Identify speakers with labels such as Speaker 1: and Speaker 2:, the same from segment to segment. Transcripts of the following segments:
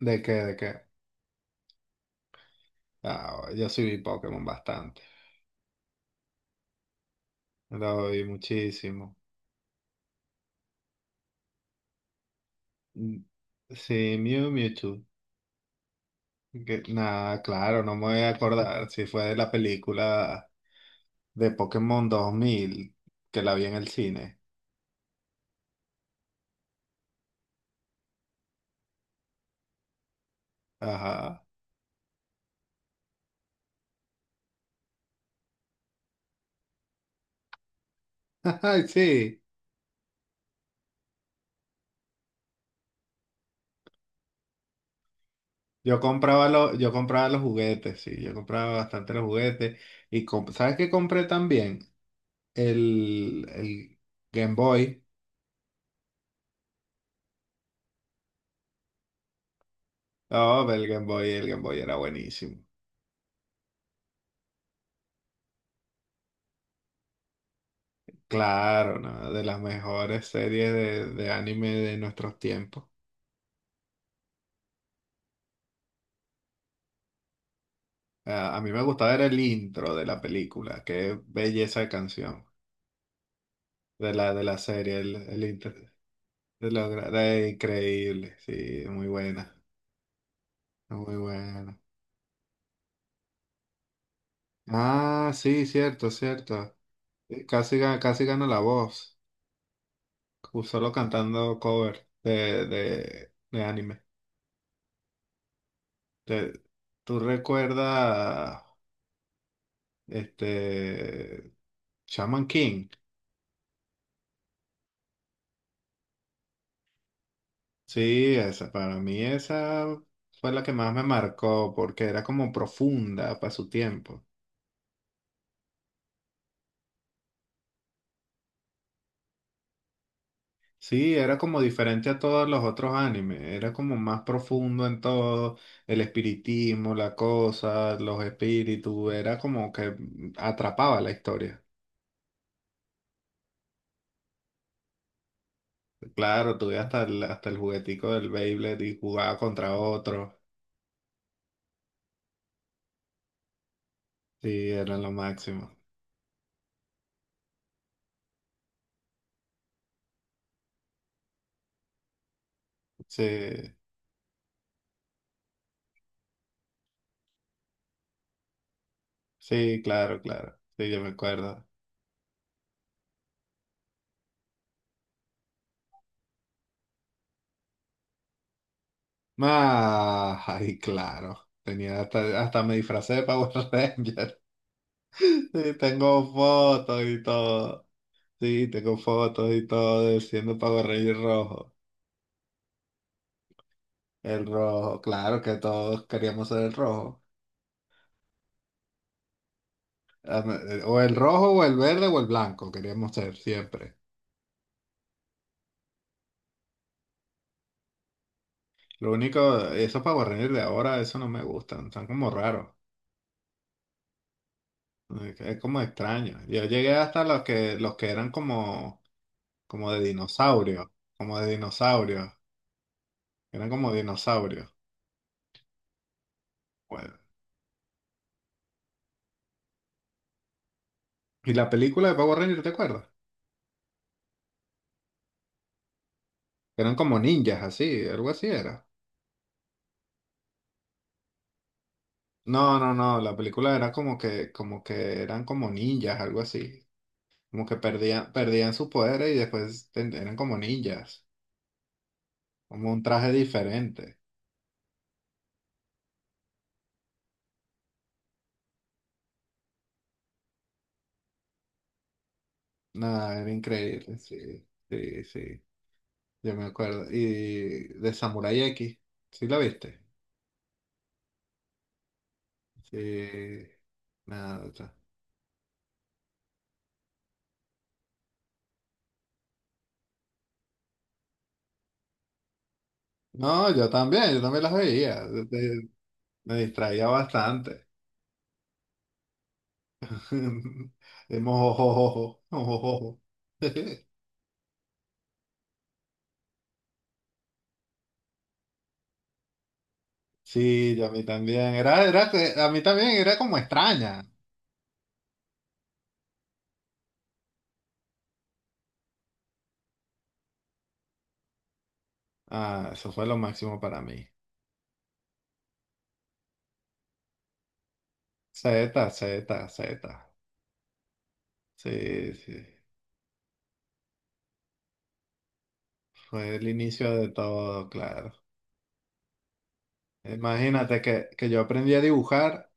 Speaker 1: ¿De qué? ¿De qué? Ah, yo sí vi Pokémon bastante. Lo vi muchísimo. Mm, sí, Mew Mewtwo. Nada, claro, no me voy a acordar si fue de la película de Pokémon 2000 que la vi en el cine. Ajá. Ay, sí. Yo compraba los juguetes, sí. Yo compraba bastante los juguetes. ¿Sabes qué compré también? El Game Boy. Oh, el Game Boy era buenísimo. Claro, ¿no? De las mejores series de anime de nuestros tiempos. Ah, a mí me gustaba era el intro de la película, qué belleza de canción, de la serie, el intro, de increíble, sí, muy buena, muy buena. Ah, sí, cierto, cierto. Casi gana la voz, solo cantando cover de anime. Te- ¿Tú recuerdas este Shaman King? Sí, para mí esa fue la que más me marcó porque era como profunda para su tiempo. Sí, era como diferente a todos los otros animes, era como más profundo en todo, el espiritismo, la cosa, los espíritus, era como que atrapaba la historia. Claro, tuve hasta el juguetico del Beyblade y jugaba contra otro. Sí, era lo máximo. Sí, sí, claro, claro. Sí, yo me acuerdo. Ah, ay, claro. Tenía hasta me disfracé de Power Ranger. Sí, tengo fotos y todo. Sí, tengo fotos y todo de siendo Power Ranger rojo. El rojo, claro que todos queríamos ser el rojo. Ah, o el rojo, o el verde, o el blanco queríamos ser siempre. Lo único, esos Power Rangers de ahora, eso no me gustan. Están como raros. Es como extraño. Yo llegué hasta los que eran como de dinosaurio. Como de dinosaurio. Eran como dinosaurios. Bueno. ¿Y la película de Power Rangers, te acuerdas? Eran como ninjas, así, algo así era. No, no, no, la película era como que eran como ninjas, algo así. Como que perdían sus poderes y después eran como ninjas. Como un traje diferente. Nada, era increíble, sí, sí, sí. Yo me acuerdo. Y de Samurai X, ¿sí la viste? Sí. Nada, o sea. No, yo también las veía. Me distraía bastante. De mojojojo, mojojojo. Sí, a mí también. A mí también era como extraña. Ah, eso fue lo máximo para mí. Z, Z, Z. Sí, sí. Fue el inicio de todo, claro. Imagínate que yo aprendí a dibujar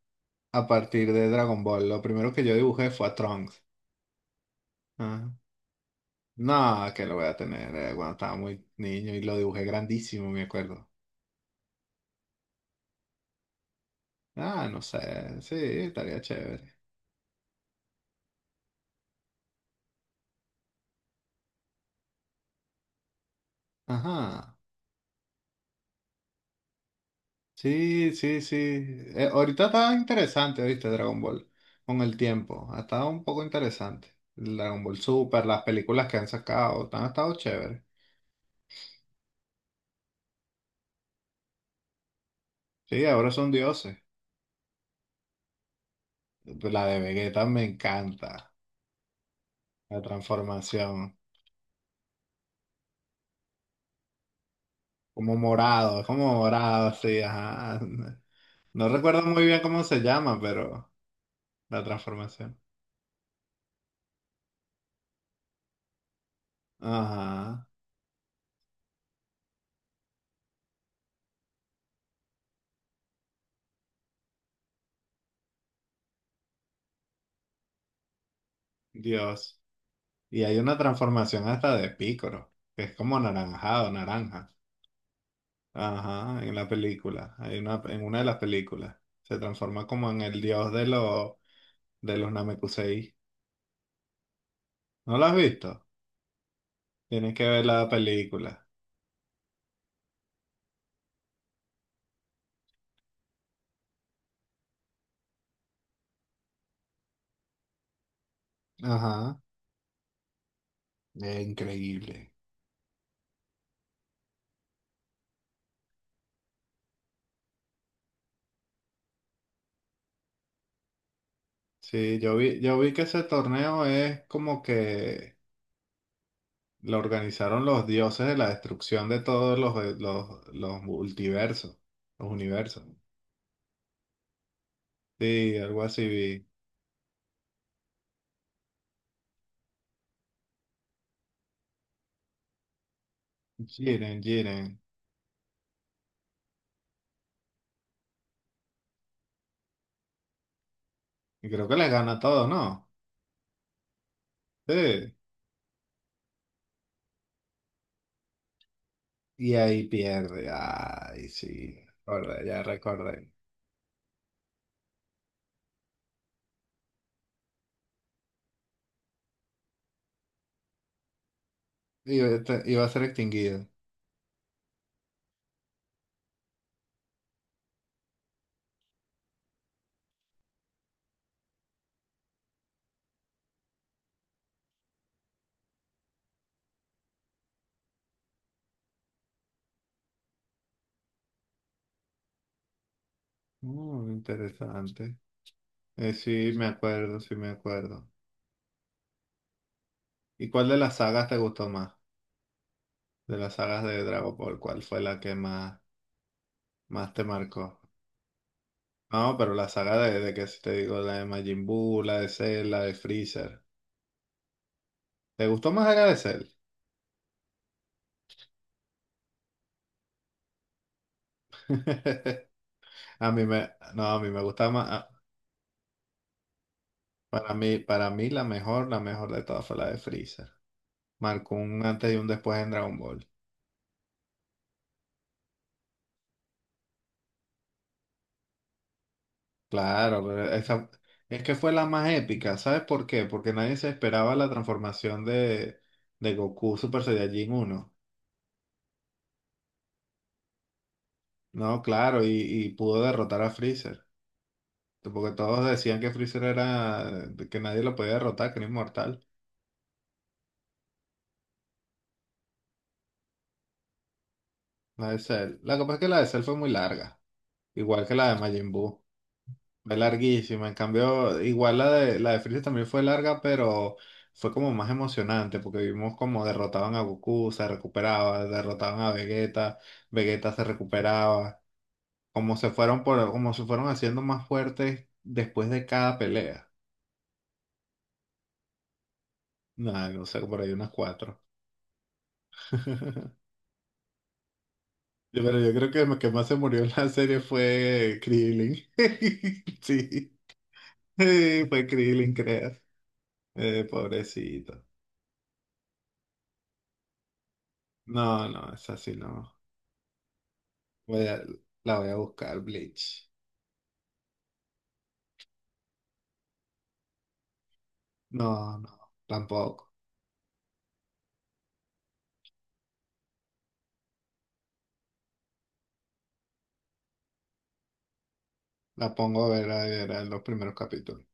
Speaker 1: a partir de Dragon Ball. Lo primero que yo dibujé fue a Trunks. Ah, no, que lo voy a tener cuando estaba muy niño y lo dibujé grandísimo, me acuerdo. Ah, no sé. Sí, estaría chévere. Ajá. Sí, sí, sí. Ahorita está interesante, ¿viste? Dragon Ball. Con el tiempo. Ha estado un poco interesante. El Dragon Ball Super, las películas que han sacado, han estado chéveres. Sí, ahora son dioses. La de Vegeta me encanta. La transformación. Como morado, es como morado, sí, ajá. No recuerdo muy bien cómo se llama, pero la transformación. Ajá. Dios. Y hay una transformación hasta de Piccolo, que es como anaranjado, naranja. Ajá, en la película, hay una, en una de las películas. Se transforma como en el dios de los, Namekusei. ¿No lo has visto? Tienes que ver la película. Ajá, es increíble. Sí, yo vi que ese torneo es como que lo organizaron los dioses de la destrucción de todos los multiversos, los universos. Sí, algo así vi. Jiren, Jiren. Y creo que les gana todo, ¿no? Sí. Y ahí pierde. Ay, sí. Recordé, ya recordé. Iba a ser extinguido. Interesante. Sí, me acuerdo, sí me acuerdo. ¿Y cuál de las sagas te gustó más? De las sagas de Dragon Ball, ¿cuál fue la que más, más te marcó? No, pero la saga de que si te digo, la de Majin Buu, la de Cell, la de Freezer. ¿Te gustó más la de Cell? A mí me, no, a mí me gustaba más. Para mí la mejor de todas fue la de Freezer. Marcó un antes y un después en Dragon Ball. Claro, pero esa es que fue la más épica. ¿Sabes por qué? Porque nadie se esperaba la transformación de Goku Super Saiyajin uno. No, claro, y pudo derrotar a Freezer. Porque todos decían que Freezer era, que nadie lo podía derrotar, que era inmortal. La de Cell. La cosa es que la de Cell fue muy larga, igual que la de Majin Buu. Fue larguísima, en cambio, igual la de Freezer también fue larga, pero fue como más emocionante, porque vimos como derrotaban a Goku, se recuperaba, derrotaban a Vegeta, Vegeta se recuperaba, como se fueron haciendo más fuertes después de cada pelea. Nada, no sé, por ahí unas cuatro. Pero yo creo que el que más se murió en la serie fue Krillin. Sí, fue Krillin, creas. Pobrecito. No, no, es así, no. Voy a- la voy a buscar, Bleach. No, no, tampoco. La pongo a ver, a ver, a los primeros capítulos.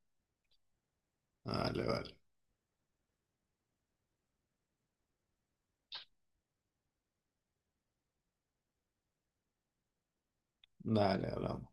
Speaker 1: Vale, vale. Dale, hablamos.